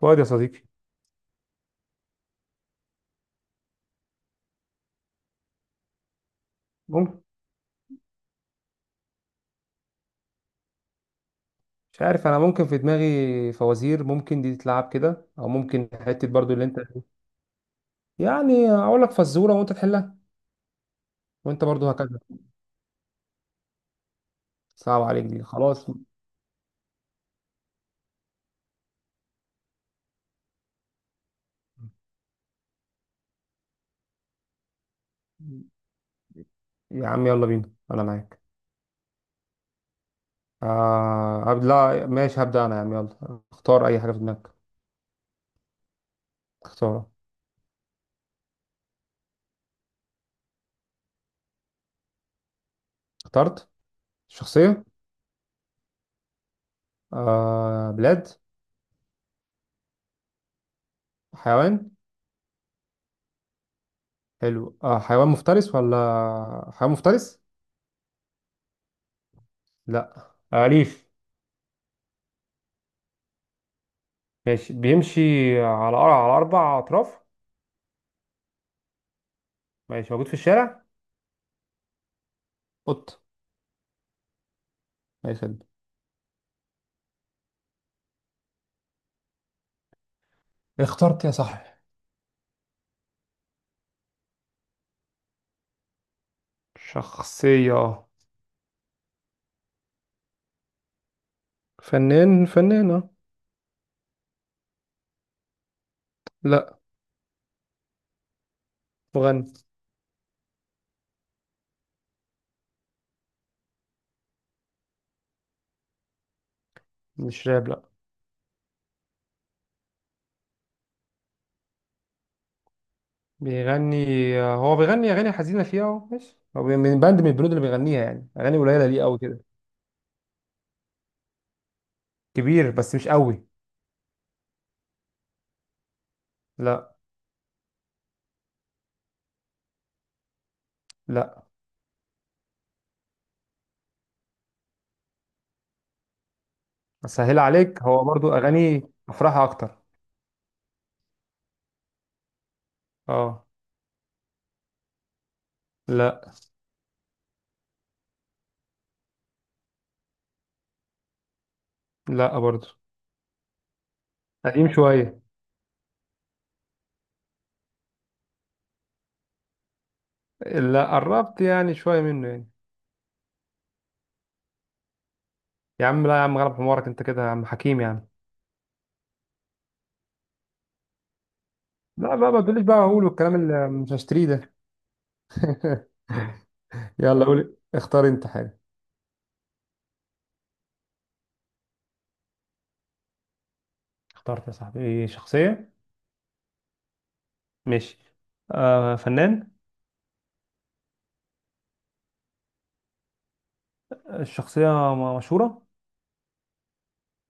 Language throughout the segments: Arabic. فؤاد يا صديقي. ممكن. مش عارف، انا ممكن في دماغي فوازير، ممكن دي تتلعب كده، او ممكن حته برضو اللي انت... اقول لك فزوره وانت تحلها، وانت برضو هكذا. صعب عليك دي؟ خلاص. يا عم يلا بينا، انا معاك. آه لا ماشي، هبدا انا. يا عم يلا اختار اي حاجه في دماغك. اختار. اخترت شخصيه؟ آه، بلاد؟ حيوان؟ حلو. آه، حيوان مفترس ولا حيوان مفترس؟ لا. آه، أليف؟ ماشي. بيمشي على على أربع أطراف؟ ماشي. موجود في الشارع؟ قط. يا خدمة. اخترت يا صاحبي. شخصية؟ فنان؟ فنانة؟ لا، مغني. مش راب، لا. بيغني. آه، هو بيغني أغاني حزينة فيها أهو. ماشي، هو من باند، من البنود اللي بيغنيها يعني، أغاني قليلة ليه أوي كده؟ كبير بس مش أوي. لا، لا. أسهل عليك، هو برضو أغاني أفراحها أكتر. أه. لا، لا برضو. قديم شوية. لا، قربت يعني شوية منه يعني. يا عم لا، يا عم غلب حمارك انت كده يا عم، حكيم يا عم. لا بقى ما تقوليش، بقى هقول والكلام اللي مش هشتريه ده. يلا قول، اختار انت حاجة. اخترت يا صاحبي؟ ايه، شخصية؟ ماشي. آه، فنان؟ الشخصية مشهورة؟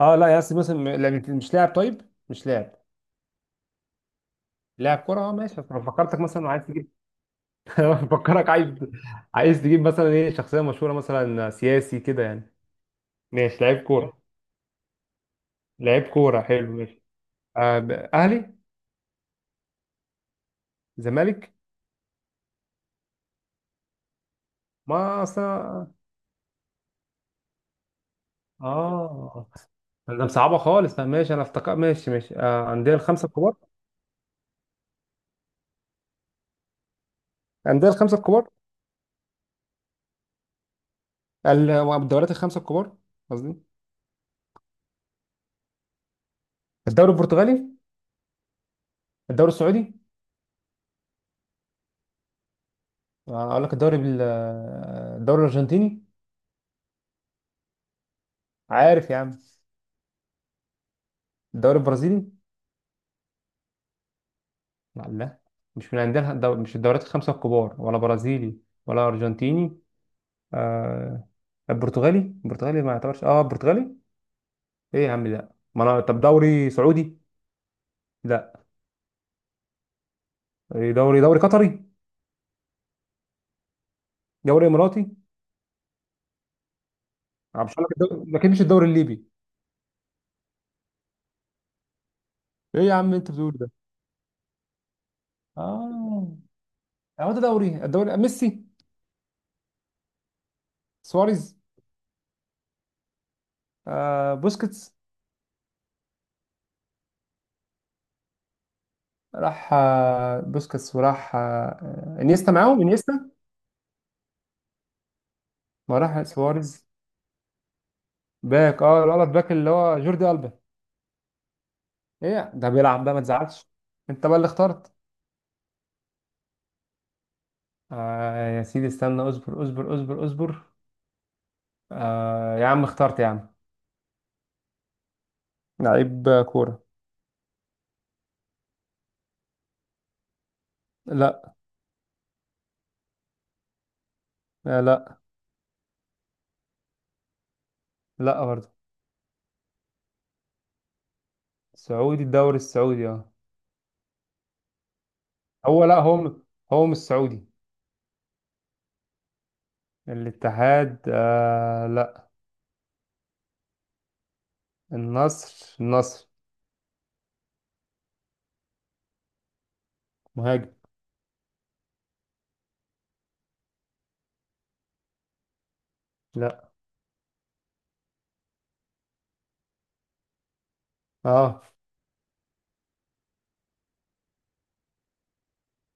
اه. لا يا أسطى، مثلا لا، مش لاعب؟ طيب، مش لاعب. لاعب كرة، اه ماشي. أنا فكرتك مثلا عايز تجيب. أنا فكرك عايز. عايز تجيب مثلا ايه، شخصية مشهورة مثلا، سياسي كده يعني؟ ماشي، لعيب كورة. لعيب كورة حلو. ماشي. آه أهلي؟ زمالك؟ ما أصلا. اه، ده مصعبه خالص. لا ماشي انا افتكر. ماشي. آه، عندنا الخمسه الكبار. عندنا الخمسه الكبار الدوريات الخمسه الكبار قصدي. الدوري البرتغالي؟ الدوري السعودي؟ آه، اقول لك الدوري بال، آه، الدوري الارجنتيني؟ عارف يا عم. الدوري البرازيلي؟ لا، لا، مش من عندنا مش الدوريات الخمسه الكبار، ولا برازيلي ولا ارجنتيني. آه، البرتغالي. ما يعتبرش؟ اه، البرتغالي. ايه يا عم ده؟ ما انا، طب دوري سعودي. لا. إيه، دوري قطري؟ دوري اماراتي؟ انا مش هقول لك الدوري ما كانش الدوري الليبي. ايه يا عم انت بتقول ده. اه، هو ده دوري، الدوري. ميسي؟ سواريز؟ آه، بوسكيتس. راح بوسكيتس، وراح انيستا، معاهم انيستا. وراح سواريز. باك، اه، الولد باك، اللي هو جوردي ألبا. ايه ده بيلعب بقى، ما تزعلش. انت بقى اللي اخترت. آه يا سيدي، استنى، اصبر اصبر اصبر اصبر. آه يا عم اخترت يا عم. لعيب كورة. لا. آه لا. لا برضه. سعودي، الدوري السعودي اه. هو لا، هو هو مش سعودي. الاتحاد؟ آه لا. النصر مهاجم. لا. اه.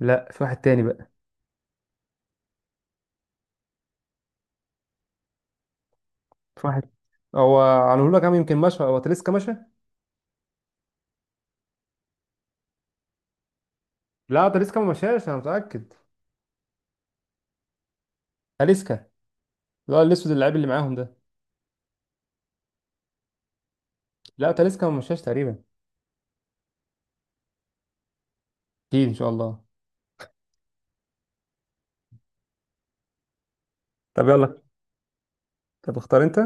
لا، في واحد تاني بقى. في واحد. هو على لك عم، يمكن مشى، هو تاليسكا مشى. لا تاليسكا ما مشاش، انا متأكد. تاليسكا، اللي هو الاسود اللاعب اللي معاهم ده. لا تاليسكا ما مشاش تقريبا. اكيد ان شاء الله. طب يلا. طب اختار انت.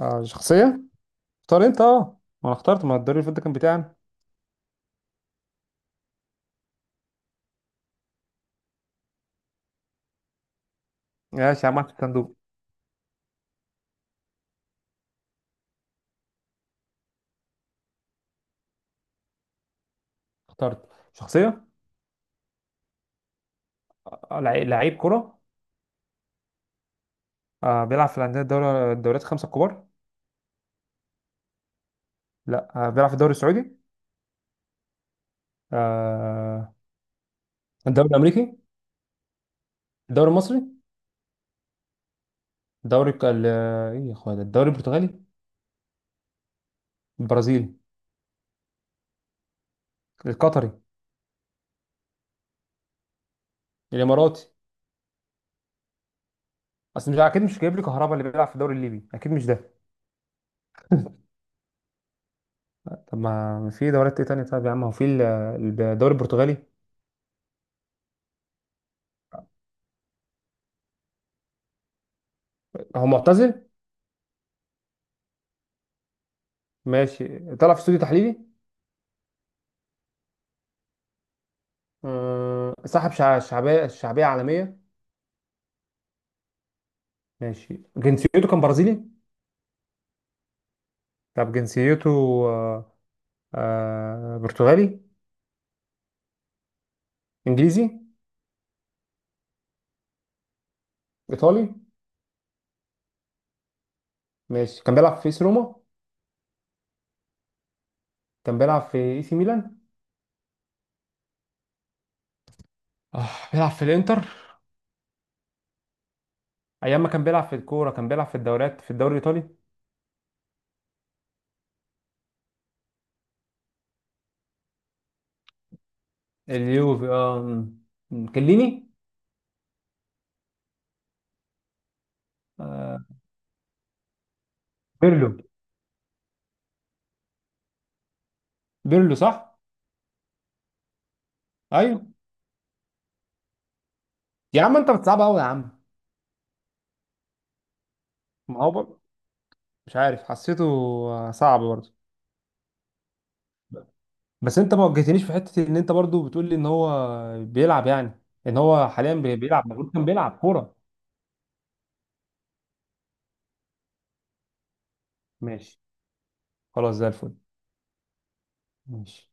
آه، شخصية؟ اختار انت اه. ما انا اخترت، ما الدوري اللي فات ده كان بتاعنا. ماشي يا عم في الصندوق. اخترت شخصية. آه، لعيب كرة. آه، بيلعب في الأندية الدوري، الدوريات الخمسة الكبار؟ لا. آه، بيلعب في الدوري السعودي؟ آه. الدوري الأمريكي؟ الدوري المصري؟ الدوري إيه يا أخويا ده؟ الدوري البرتغالي؟ البرازيلي؟ القطري؟ الإماراتي؟ أصل مش أكيد، مش جايب لي كهربا اللي بيلعب في الدوري الليبي. أكيد مش ده. طب ما في دوريات إيه تانية طيب يا عم؟ هو في الدوري البرتغالي؟ هو معتزل؟ ماشي، طلع في استوديو تحليلي؟ آه، صاحب شعبية، عالمية؟ ماشي. جنسيته كان برازيلي؟ طب جنسيته آه، آه برتغالي؟ انجليزي؟ ايطالي. ماشي كان بيلعب في اس روما؟ كان بيلعب في اي سي ميلان؟ آه، بيلعب في الانتر؟ ايام ما كان بيلعب في الكوره، كان بيلعب في الدوريات، في الدوري الايطالي. اليوفي اه. م. م. كليني؟ آه، بيرلو. بيرلو صح. ايوه يا عم، انت بتصعب قوي يا عم. ما هو برضه مش عارف، حسيته آه، صعب برضه. بس انت ما وجهتنيش في حته ان انت برضه بتقول لي ان هو بيلعب يعني، ان هو حاليا بيلعب، المفروض كان بيلعب كوره. ماشي، خلاص زي الفل. ماشي.